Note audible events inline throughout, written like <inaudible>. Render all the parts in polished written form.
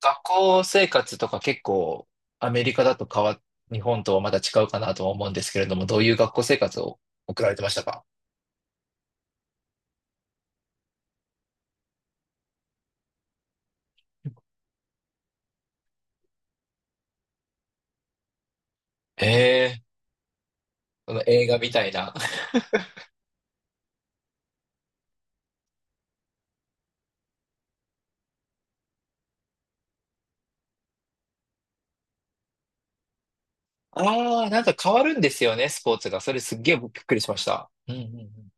学校生活とか結構アメリカだと変わ、日本とはまた違うかなとは思うんですけれども、どういう学校生活を送られてましたか？ええー、その映画みたいな。<laughs> ああ、なんか変わるんですよね、スポーツが。それすっげえびっくりしました。うんうんうん。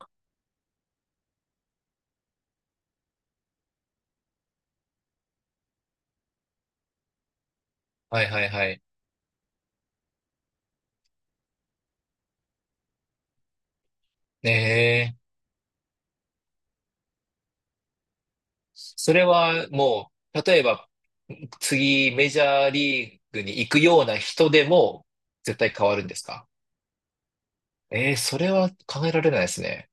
はいはいはい。ねえ。それはもう、例えば、次メジャーリーグに行くような人でも絶対変わるんですか？ええー、それは考えられないですね。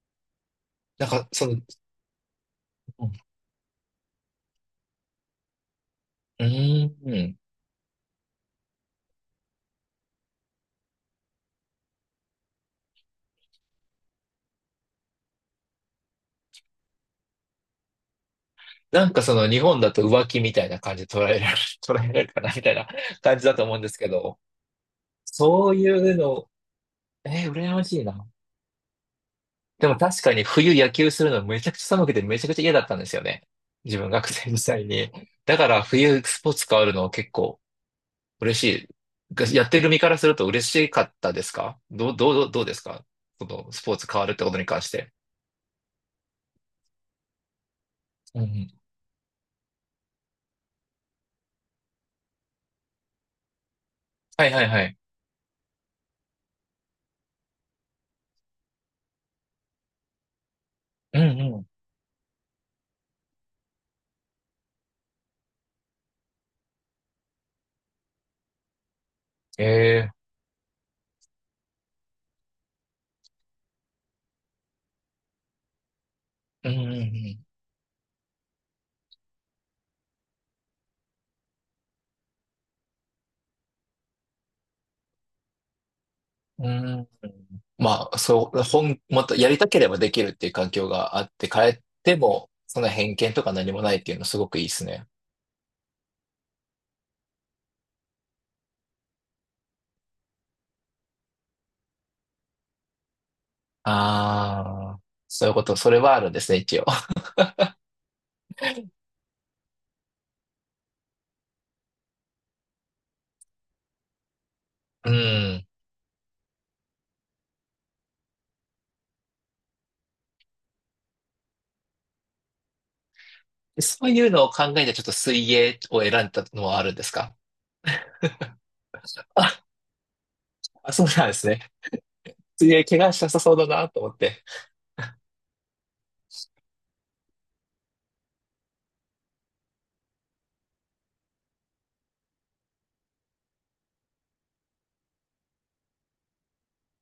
なんか、その、うん。うーん。なんかその日本だと浮気みたいな感じで捉えられる、<laughs> 捉えられるかなみたいな <laughs> 感じだと思うんですけど、そういうの、羨ましいな。でも確かに冬野球するのめちゃくちゃ寒くてめちゃくちゃ嫌だったんですよね。自分学生時代に。だから冬スポーツ変わるの結構嬉しい。やってる身からすると嬉しかったですか？どうですかこのスポーツ変わるってことに関して。うんうん。はいはいはい。うんうん。ええ、うんうんうん。うん。まあ、そう、もっとやりたければできるっていう環境があって、変えても、その偏見とか何もないっていうのすごくいいですね。ああ、そういうこと、それはあるんですね、一応。うん。そういうのを考えて、ちょっと水泳を選んだのはあるんですか？あ、あそうなんですね。水泳怪我しなさそうだなと思って。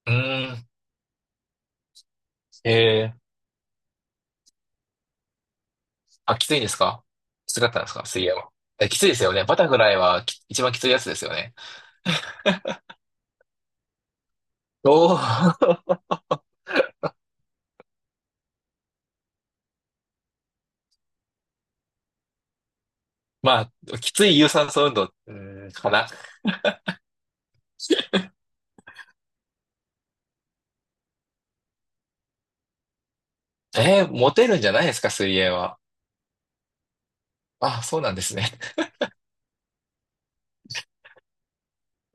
うーん。ええ、あ、きついんですか？きつかったんですか水泳は？え、きついですよね。バタフライは一番きついやつですよね。おお。<laughs> まあ、きつい有酸素運動、かな。モテるんじゃないですか、水泳は。あ、そうなんですね。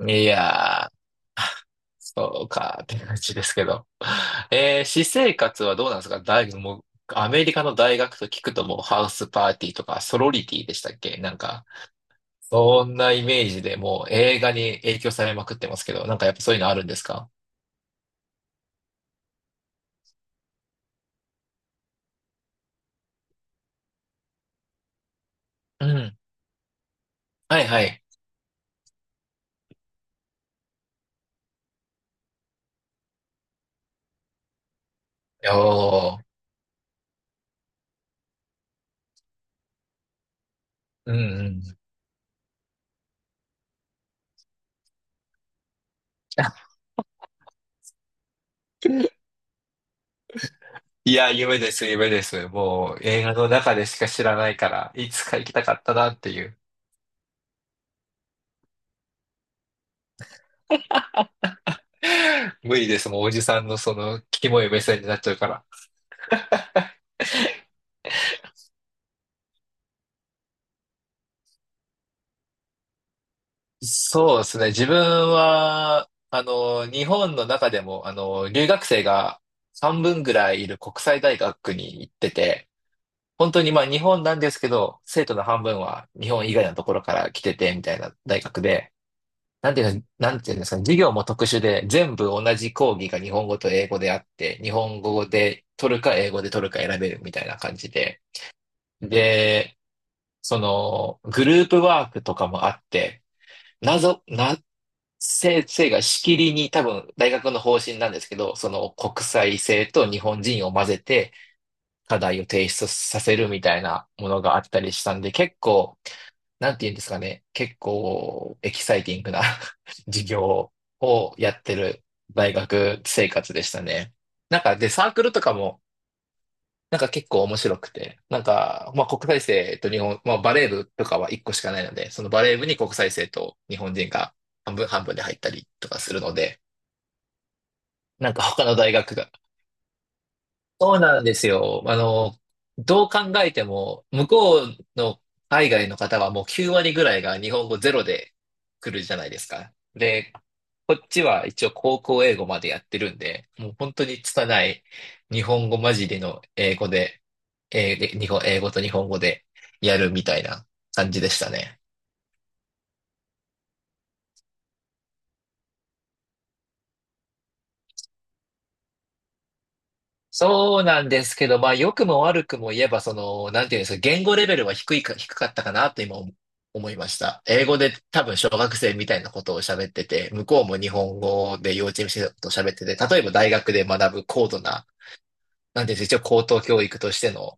<laughs> いやー、そうか、って感じですけど。私生活はどうなんですか？大学、もう、アメリカの大学と聞くともうハウスパーティーとかソロリティでしたっけ、なんか、そんなイメージでもう映画に影響されまくってますけど、なんかやっぱそういうのあるんですか？うん。はいはい。おー。うんうん。<laughs> いや、夢です、夢です。もう映画の中でしか知らないから、いつか行きたかったなっていう。<laughs> 無理です、もうおじさんのその、キモい目線になっちゃうから。そうですね、自分は、あの、日本の中でも、あの、留学生が半分ぐらいいる国際大学に行ってて、本当にまあ日本なんですけど、生徒の半分は日本以外のところから来てて、みたいな大学で、なんていうんですかね、授業も特殊で、全部同じ講義が日本語と英語であって、日本語で取るか英語で取るか選べるみたいな感じで。で、その、グループワークとかもあって、謎、な、先生がしきりに多分大学の方針なんですけど、その国際性と日本人を混ぜて課題を提出させるみたいなものがあったりしたんで、結構なんて言うんですかね、結構エキサイティングな <laughs> 授業をやってる大学生活でしたね。なんかで、サークルとかも、なんか結構面白くて、なんか、まあ国際生と日本、まあバレー部とかは1個しかないので、そのバレー部に国際生と日本人が半分半分で入ったりとかするので、なんか他の大学がそうなんですよ。あの、どう考えても、向こうの海外の方はもう9割ぐらいが日本語ゼロで来るじゃないですか。で、こっちは一応高校英語までやってるんで、もう本当に拙い日本語混じりの英語で、で英語と日本語でやるみたいな感じでしたね。そうなんですけど、まあ、良くも悪くも言えば、その、なんていうんですか、言語レベルは低いか、低かったかなと今思いました。英語で多分小学生みたいなことを喋ってて、向こうも日本語で幼稚園生と喋ってて、例えば大学で学ぶ高度な、なんていうんですか、一応高等教育としての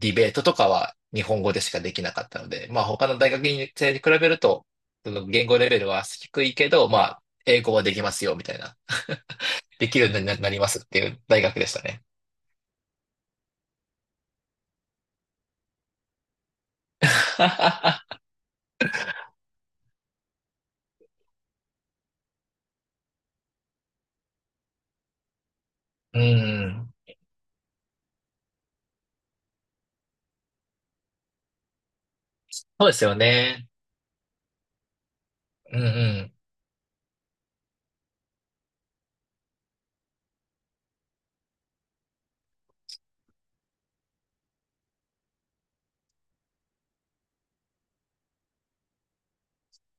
ディベートとかは日本語でしかできなかったので、まあ、他の大学生に比べると、その言語レベルは低いけど、まあ、英語はできますよ、みたいな。できるようになりますっていう大学でしたね。<laughs> うん。そうですよね。うんうん。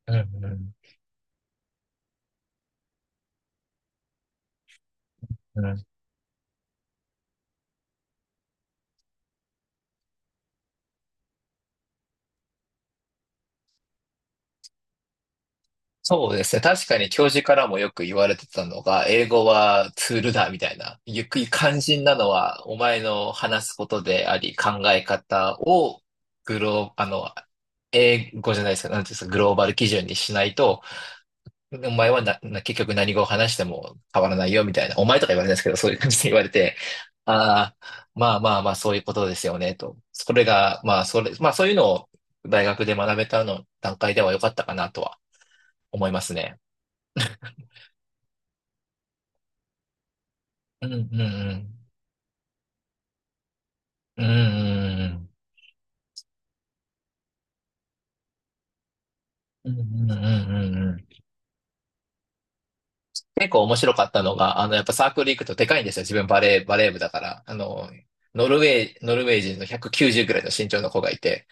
うんうんうん。そうですね。確かに教授からもよく言われてたのが、英語はツールだみたいな。ゆっくり肝心なのは、お前の話すことであり、考え方をグロー、あの、英語じゃないですか。なんていうんですか、グローバル基準にしないと、お前はな結局何語を話しても変わらないよみたいな、お前とか言われないですけど、そういう感じで言われて、ああ、まあまあまあ、そういうことですよね、と。それが、まあ、それ、まあそういうのを大学で学べたの段階では良かったかなとは思いますね。うんうんうん。うんうんうん。うんうんうんうんうん、結構面白かったのが、あの、やっぱサークル行くとでかいんですよ。自分バレー部だから。あの、ノルウェー人の190ぐらいの身長の子がいて、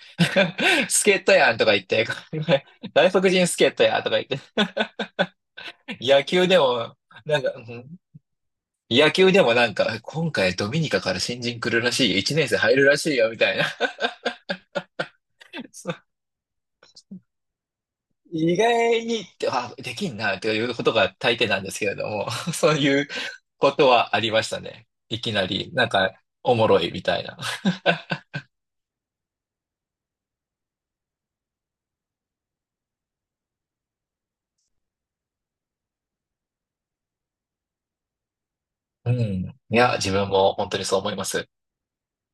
<laughs> スケートやんとか言って、<laughs> 外国人スケートやんとか言って、野球でも、なんか、うん野球でもなんか、今回ドミニカから新人来るらしいよ、1年生入るらしいよ、みたいな。<laughs> そう意外にって、あ、できんな、ということが大抵なんですけれども、<laughs> そういうことはありましたね。いきなり、なんか、おもろいみたいな。うん。いや、自分も本当にそう思います。